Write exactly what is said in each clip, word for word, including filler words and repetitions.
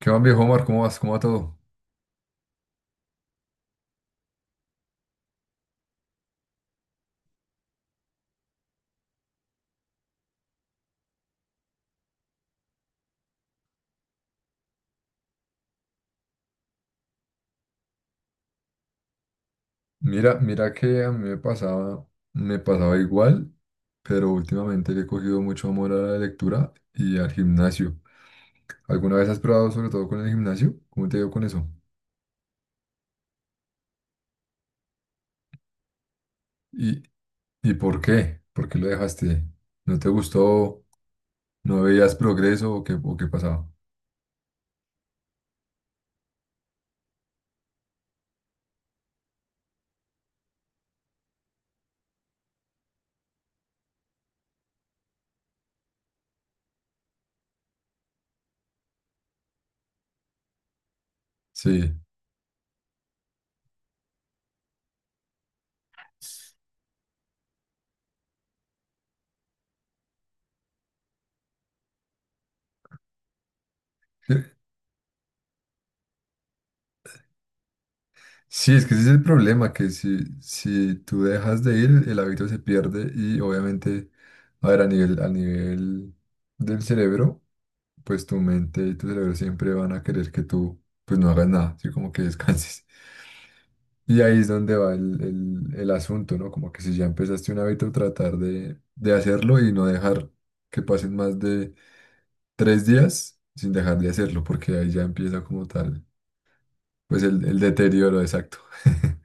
¿Qué más, viejo Omar? ¿Cómo vas? ¿Cómo va todo? Mira, mira que a mí me pasaba, me pasaba igual, pero últimamente le he cogido mucho amor a la lectura y al gimnasio. ¿Alguna vez has probado sobre todo con el gimnasio? ¿Cómo te ha ido con eso? ¿Y, y por qué? ¿Por qué lo dejaste? ¿No te gustó? ¿No veías progreso o qué, o qué pasaba? Sí. Sí, sí, es que ese es el problema, que si, si tú dejas de ir, el hábito se pierde y obviamente, a ver, a nivel, a nivel del cerebro pues tu mente y tu cerebro siempre van a querer que tú pues no hagas nada, así como que descanses. Y ahí es donde va el, el- el asunto, ¿no? Como que si ya empezaste un hábito, tratar de, de hacerlo y no dejar que pasen más de tres días sin dejar de hacerlo, porque ahí ya empieza como tal, pues el, el deterioro exacto.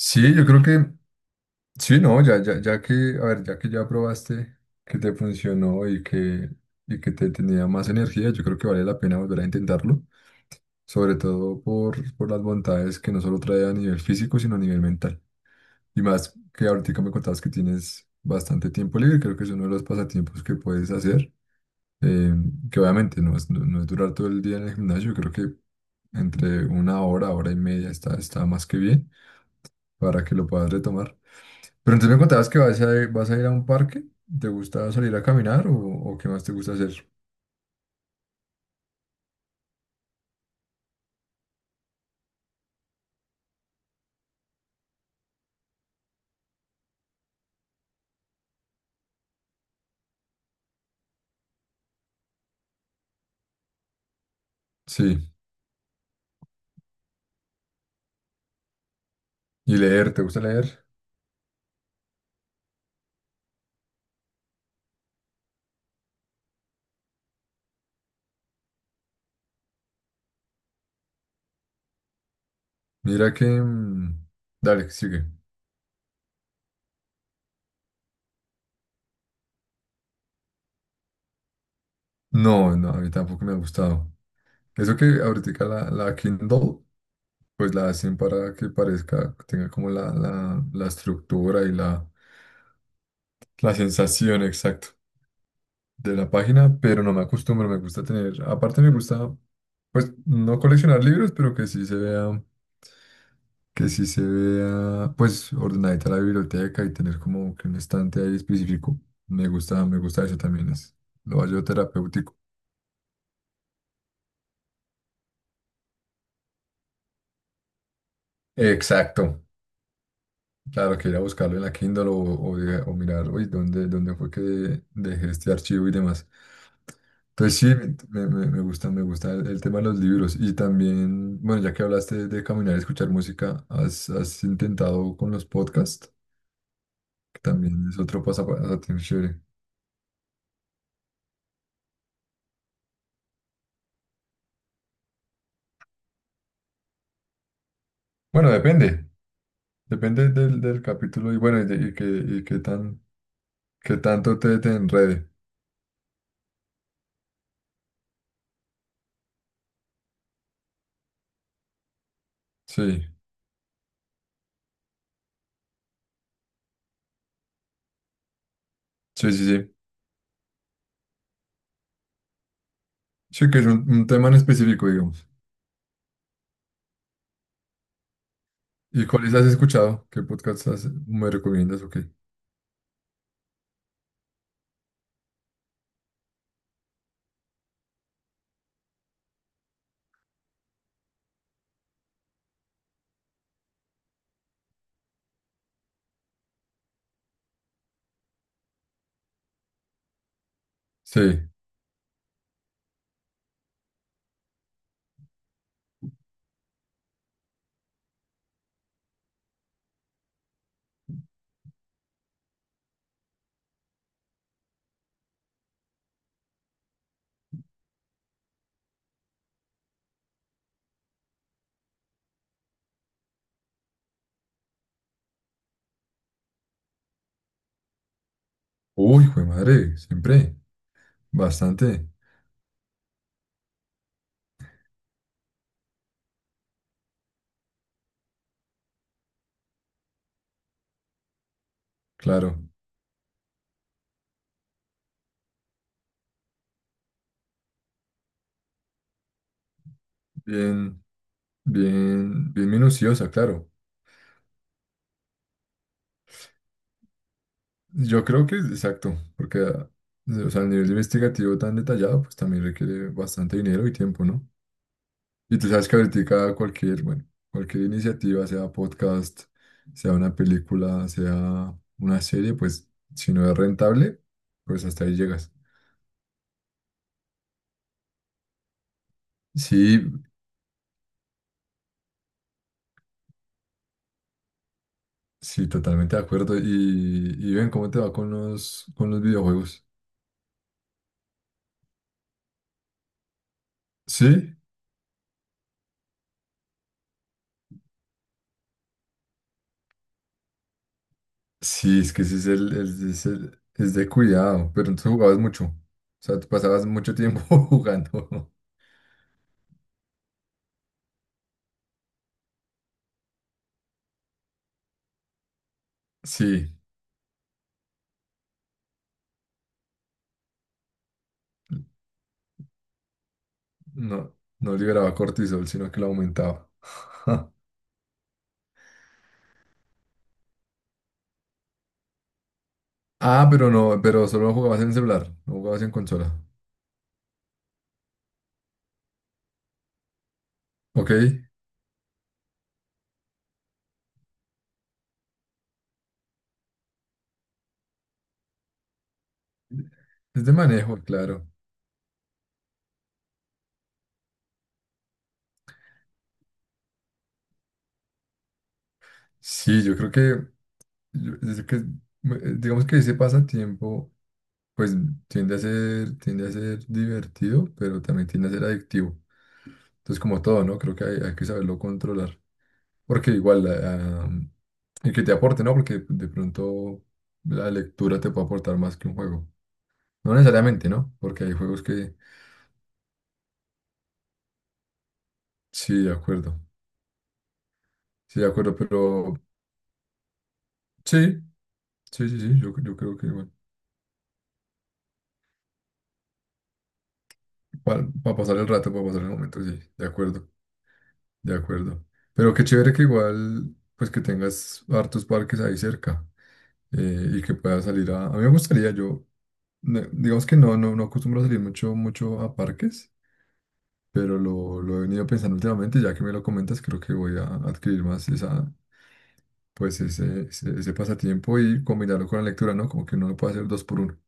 Sí, yo creo que, sí, no, ya, ya, ya que, a ver, ya que ya probaste que te funcionó y que, y que te tenía más energía, yo creo que vale la pena volver a intentarlo. Sobre todo por, por las bondades que no solo trae a nivel físico, sino a nivel mental. Y más que ahorita me contabas que tienes bastante tiempo libre, creo que es uno de los pasatiempos que puedes hacer, eh, que obviamente no es, no, no es durar todo el día en el gimnasio, creo que entre una hora, hora y media está, está más que bien para que lo puedas retomar. Pero entonces me contabas que vas a, vas a ir a un parque, ¿te gusta salir a caminar o, o qué más te gusta hacer? Sí, y leer, ¿te gusta leer? Mira que... mm, dale, sigue. No, no, a mí tampoco me ha gustado. Eso que ahorita la, la Kindle, pues la hacen para que parezca, tenga como la, la, la estructura y la, la sensación exacta de la página, pero no me acostumbro, me gusta tener, aparte me gusta, pues no coleccionar libros, pero que sí se vea, que sí se vea, pues ordenadita la biblioteca y tener como que un estante ahí específico. Me gusta, me gusta eso también, es lo hallo terapéutico. Exacto. Claro, que ir a buscarlo en la Kindle o, o de- o mirar, uy, ¿dónde, dónde fue que dejé este archivo y demás? Entonces sí, me, me- me gusta, me gusta el, el tema de los libros. Y también, bueno, ya que hablaste de caminar y escuchar música, ¿has, has intentado con los podcasts? Que también es otro pasatiempo chévere. Bueno, depende, depende del, del capítulo y bueno, y, de- y que, y qué tan, qué tanto te, te enrede. Sí, sí, sí, sí. Sí, que es un, un tema en específico, digamos. ¿Y cuáles has escuchado? ¿Qué podcast has- me recomiendas o qué? Sí. Uy, hijo de madre, siempre. Bastante, claro. Bien, bien, bien minuciosa, claro. Yo creo que es exacto, porque, ah, o sea, el nivel investigativo tan detallado, pues también requiere bastante dinero y tiempo, ¿no? Y tú sabes que ahorita cualquier, bueno, cualquier iniciativa, sea podcast, sea una película, sea una serie, pues si no es rentable, pues hasta ahí llegas. Sí, sí, totalmente de acuerdo. Y, y ven cómo te va con los, con los videojuegos. ¿Sí? Sí, es que ese es el, el- es el- es de cuidado, pero entonces jugabas mucho. O sea, tú pasabas mucho tiempo jugando. Sí, no, no liberaba cortisol, sino que lo aumentaba. Ah, pero no, pero solo jugabas en celular, no jugabas en consola. Ok, es de manejo, claro. Sí, yo creo que, yo- es que, eh, digamos que ese pasatiempo. Pues tiende a ser, tiende a ser divertido, pero también tiende a ser adictivo. Entonces, como todo, ¿no? Creo que hay, hay que saberlo controlar. Porque igual, ah, ah, y que te aporte, ¿no? Porque de pronto la lectura te puede aportar más que un juego. No necesariamente, ¿no? Porque hay juegos que... Sí, de acuerdo. Sí, de acuerdo, pero... Sí, sí, sí, sí, yo, yo creo que igual. Para, pasar el rato, para pasar el momento, sí, de acuerdo, de acuerdo. Pero qué chévere que igual, pues que tengas hartos parques ahí cerca. eh, y que pueda salir a... A mí me gustaría, yo, ne- digamos que no, no, no acostumbro a salir mucho, mucho a parques, pero lo, lo he venido pensando últimamente, y ya que me lo comentas, creo que voy a adquirir más esa, pues ese, ese, ese pasatiempo y combinarlo con la lectura, ¿no? Como que uno lo puede hacer dos por uno.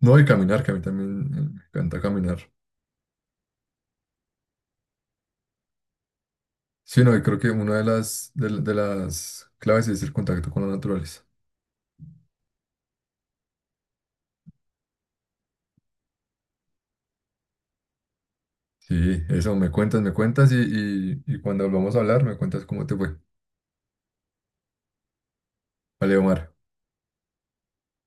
No, y caminar, que a mí también eh, me encanta caminar. Sí, no, y creo que una de las, de, la- de las claves es el contacto con la naturaleza. Sí, eso, me cuentas, me cuentas y, y, y cuando volvamos a hablar, me cuentas cómo te fue. Vale, Omar.